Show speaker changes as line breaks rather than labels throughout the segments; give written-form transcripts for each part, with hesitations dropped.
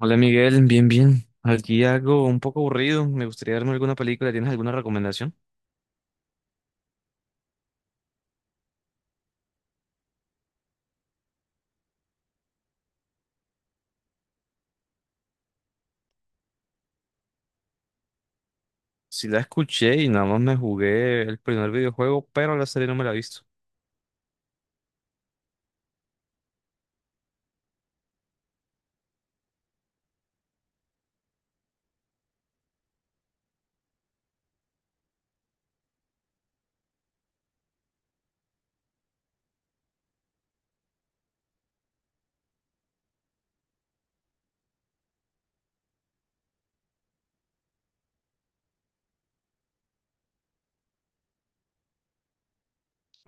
Hola Miguel, bien, bien. Aquí algo un poco aburrido. Me gustaría verme alguna película. ¿Tienes alguna recomendación? Sí la escuché y nada más me jugué el primer videojuego, pero la serie no me la he visto.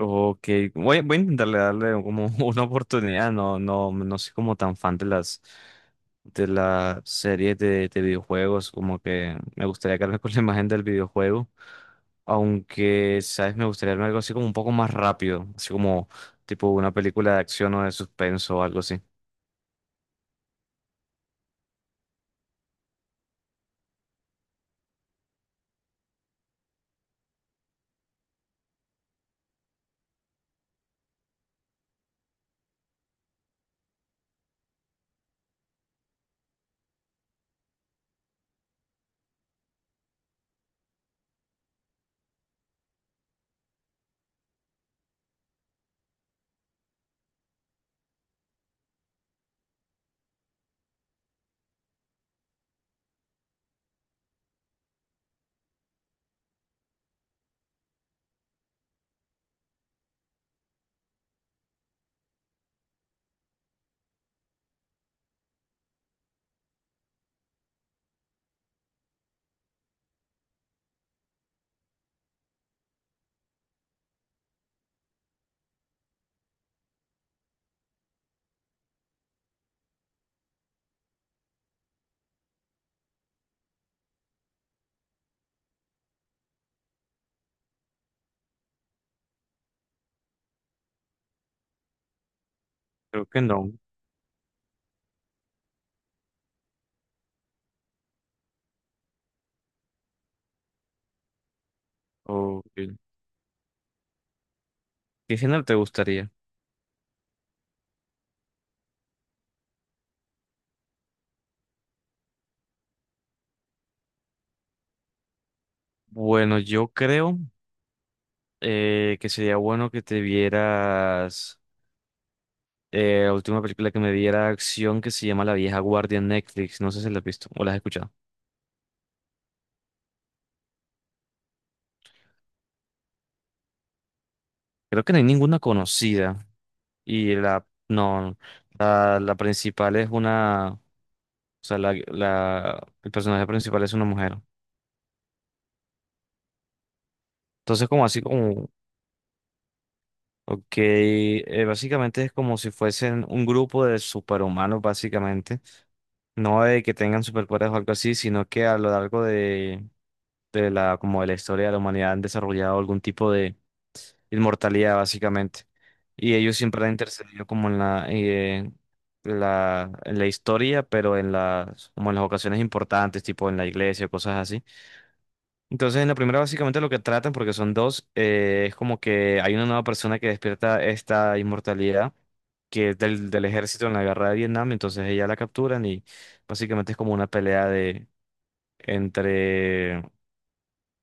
Ok, voy a intentarle darle como una oportunidad. No, no, no soy como tan fan de las series de videojuegos. Como que me gustaría quedarme con la imagen del videojuego. Aunque, ¿sabes? Me gustaría verme algo así como un poco más rápido. Así como tipo una película de acción o de suspenso o algo así. Creo que no. O, ¿qué qué género te gustaría? Bueno, yo creo que sería bueno que te vieras la última película que me diera acción que se llama La Vieja Guardia en Netflix. No sé si la has visto o la has escuchado. Creo que no hay ninguna conocida. Y la, no, la principal es una, o sea, el personaje principal es una mujer. Entonces, como así como, ok, básicamente es como si fuesen un grupo de superhumanos, básicamente. No de que tengan superpoderes o algo así, sino que a lo largo de, como de la historia de la humanidad han desarrollado algún tipo de inmortalidad, básicamente. Y ellos siempre han intercedido como en la, en la historia, pero en las, como en las ocasiones importantes, tipo en la iglesia, cosas así. Entonces, en la primera, básicamente lo que tratan, porque son dos, es como que hay una nueva persona que despierta esta inmortalidad, que es del ejército en la guerra de Vietnam, entonces ella la capturan y básicamente es como una pelea de entre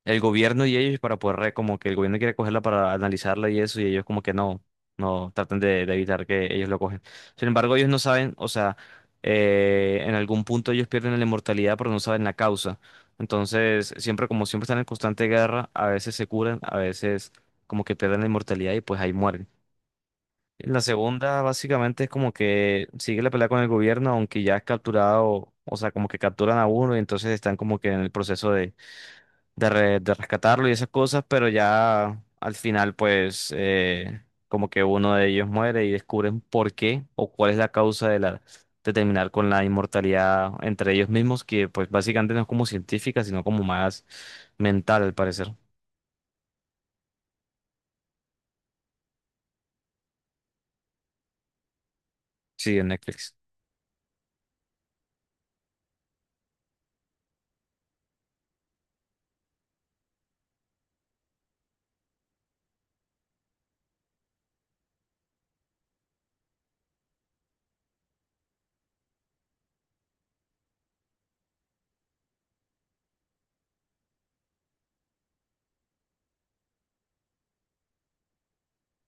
el gobierno y ellos para poder, como que el gobierno quiere cogerla para analizarla y eso, y ellos como que no, no tratan de evitar que ellos lo cogen. Sin embargo, ellos no saben, o sea, en algún punto ellos pierden la inmortalidad, pero no saben la causa. Entonces, siempre, como siempre están en constante guerra, a veces se curan, a veces como que pierden la inmortalidad y pues ahí mueren. La segunda básicamente es como que sigue la pelea con el gobierno, aunque ya es capturado, o sea, como que capturan a uno y entonces están como que en el proceso de rescatarlo y esas cosas, pero ya al final pues como que uno de ellos muere y descubren por qué o cuál es la causa de la de terminar con la inmortalidad entre ellos mismos, que pues básicamente no es como científica, sino como más mental al parecer. Sí, en Netflix.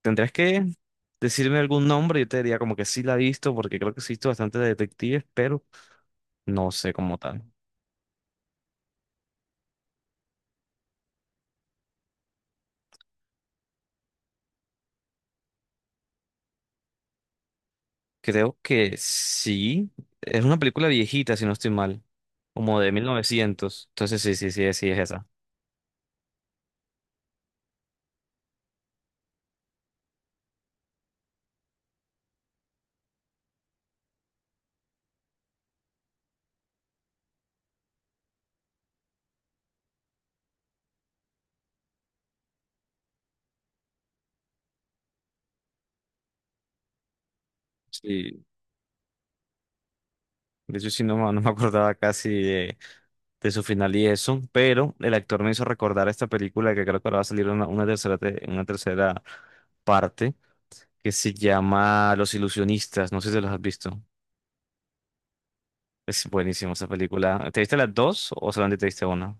Tendrías que decirme algún nombre, yo te diría como que sí la he visto, porque creo que sí he visto bastante de detectives, pero no sé cómo tal. Creo que sí. Es una película viejita, si no estoy mal. Como de 1900. Entonces sí, sí, sí, sí, es esa. Sí. De hecho, sí, no, me no me acordaba casi de su final y eso. Pero el actor me hizo recordar esta película que creo que ahora va a salir una tercera, una tercera parte que se llama Los Ilusionistas. No sé si los has visto. Es buenísima esa película. ¿Te viste las dos o solamente te viste una?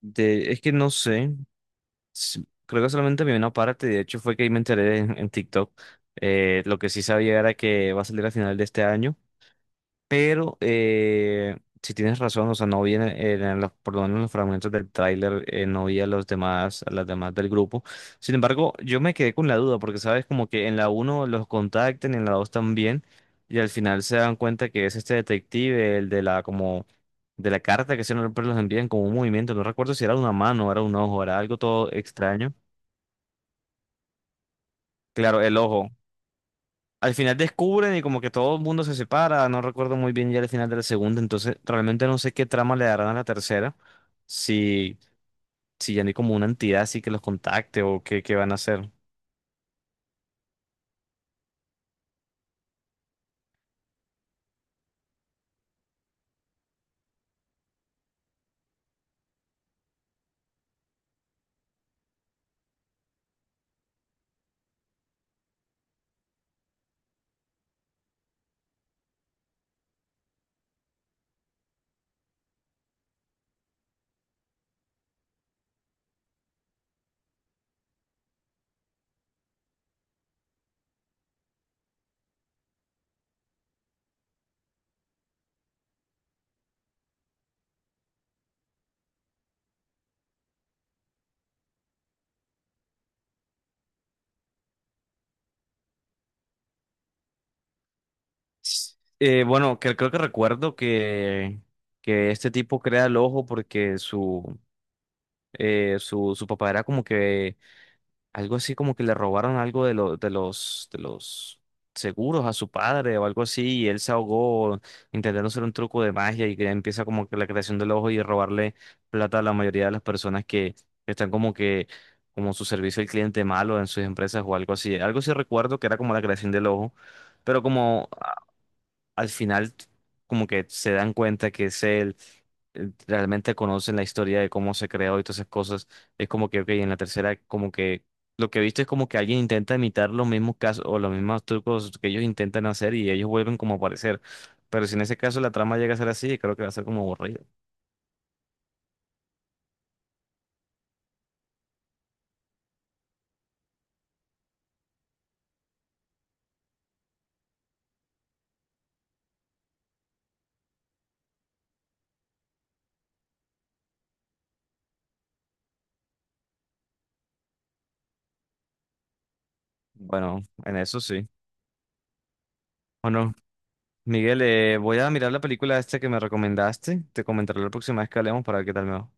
De, es que no sé. Sí, creo que solamente vi una parte, de hecho fue que ahí me enteré en TikTok. Lo que sí sabía era que va a salir a final de este año, pero si tienes razón, o sea, no vi en los, por lo menos en los fragmentos del tráiler, no vi a los demás, a las demás del grupo. Sin embargo, yo me quedé con la duda, porque sabes como que en la uno los contactan, en la 2 también, y al final se dan cuenta que es este detective, el de la como de la carta que siempre los envían como un movimiento, no recuerdo si era una mano, era un ojo, era algo todo extraño. Claro, el ojo. Al final descubren y como que todo el mundo se separa. No recuerdo muy bien ya el final de la segunda, entonces realmente no sé qué trama le darán a la tercera. Si, si ya no hay como una entidad así que los contacte o qué, qué van a hacer. Bueno, que, creo que recuerdo que este tipo crea el ojo porque su, su, su papá era como que algo así como que le robaron algo de, de los seguros a su padre o algo así y él se ahogó intentando hacer un truco de magia y que empieza como que la creación del ojo y robarle plata a la mayoría de las personas que están como que como su servicio al cliente malo en sus empresas o algo así. Algo sí recuerdo que era como la creación del ojo, pero como al final como que se dan cuenta que es él, realmente conocen la historia de cómo se creó y todas esas cosas, es como que, ok, en la tercera como que lo que viste es como que alguien intenta imitar los mismos casos o los mismos trucos que ellos intentan hacer y ellos vuelven como a aparecer. Pero si en ese caso la trama llega a ser así, creo que va a ser como aburrido. Bueno, en eso sí. Bueno, Miguel, voy a mirar la película esta que me recomendaste. Te comentaré la próxima vez que hablemos para ver qué tal me va.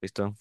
¿Listo?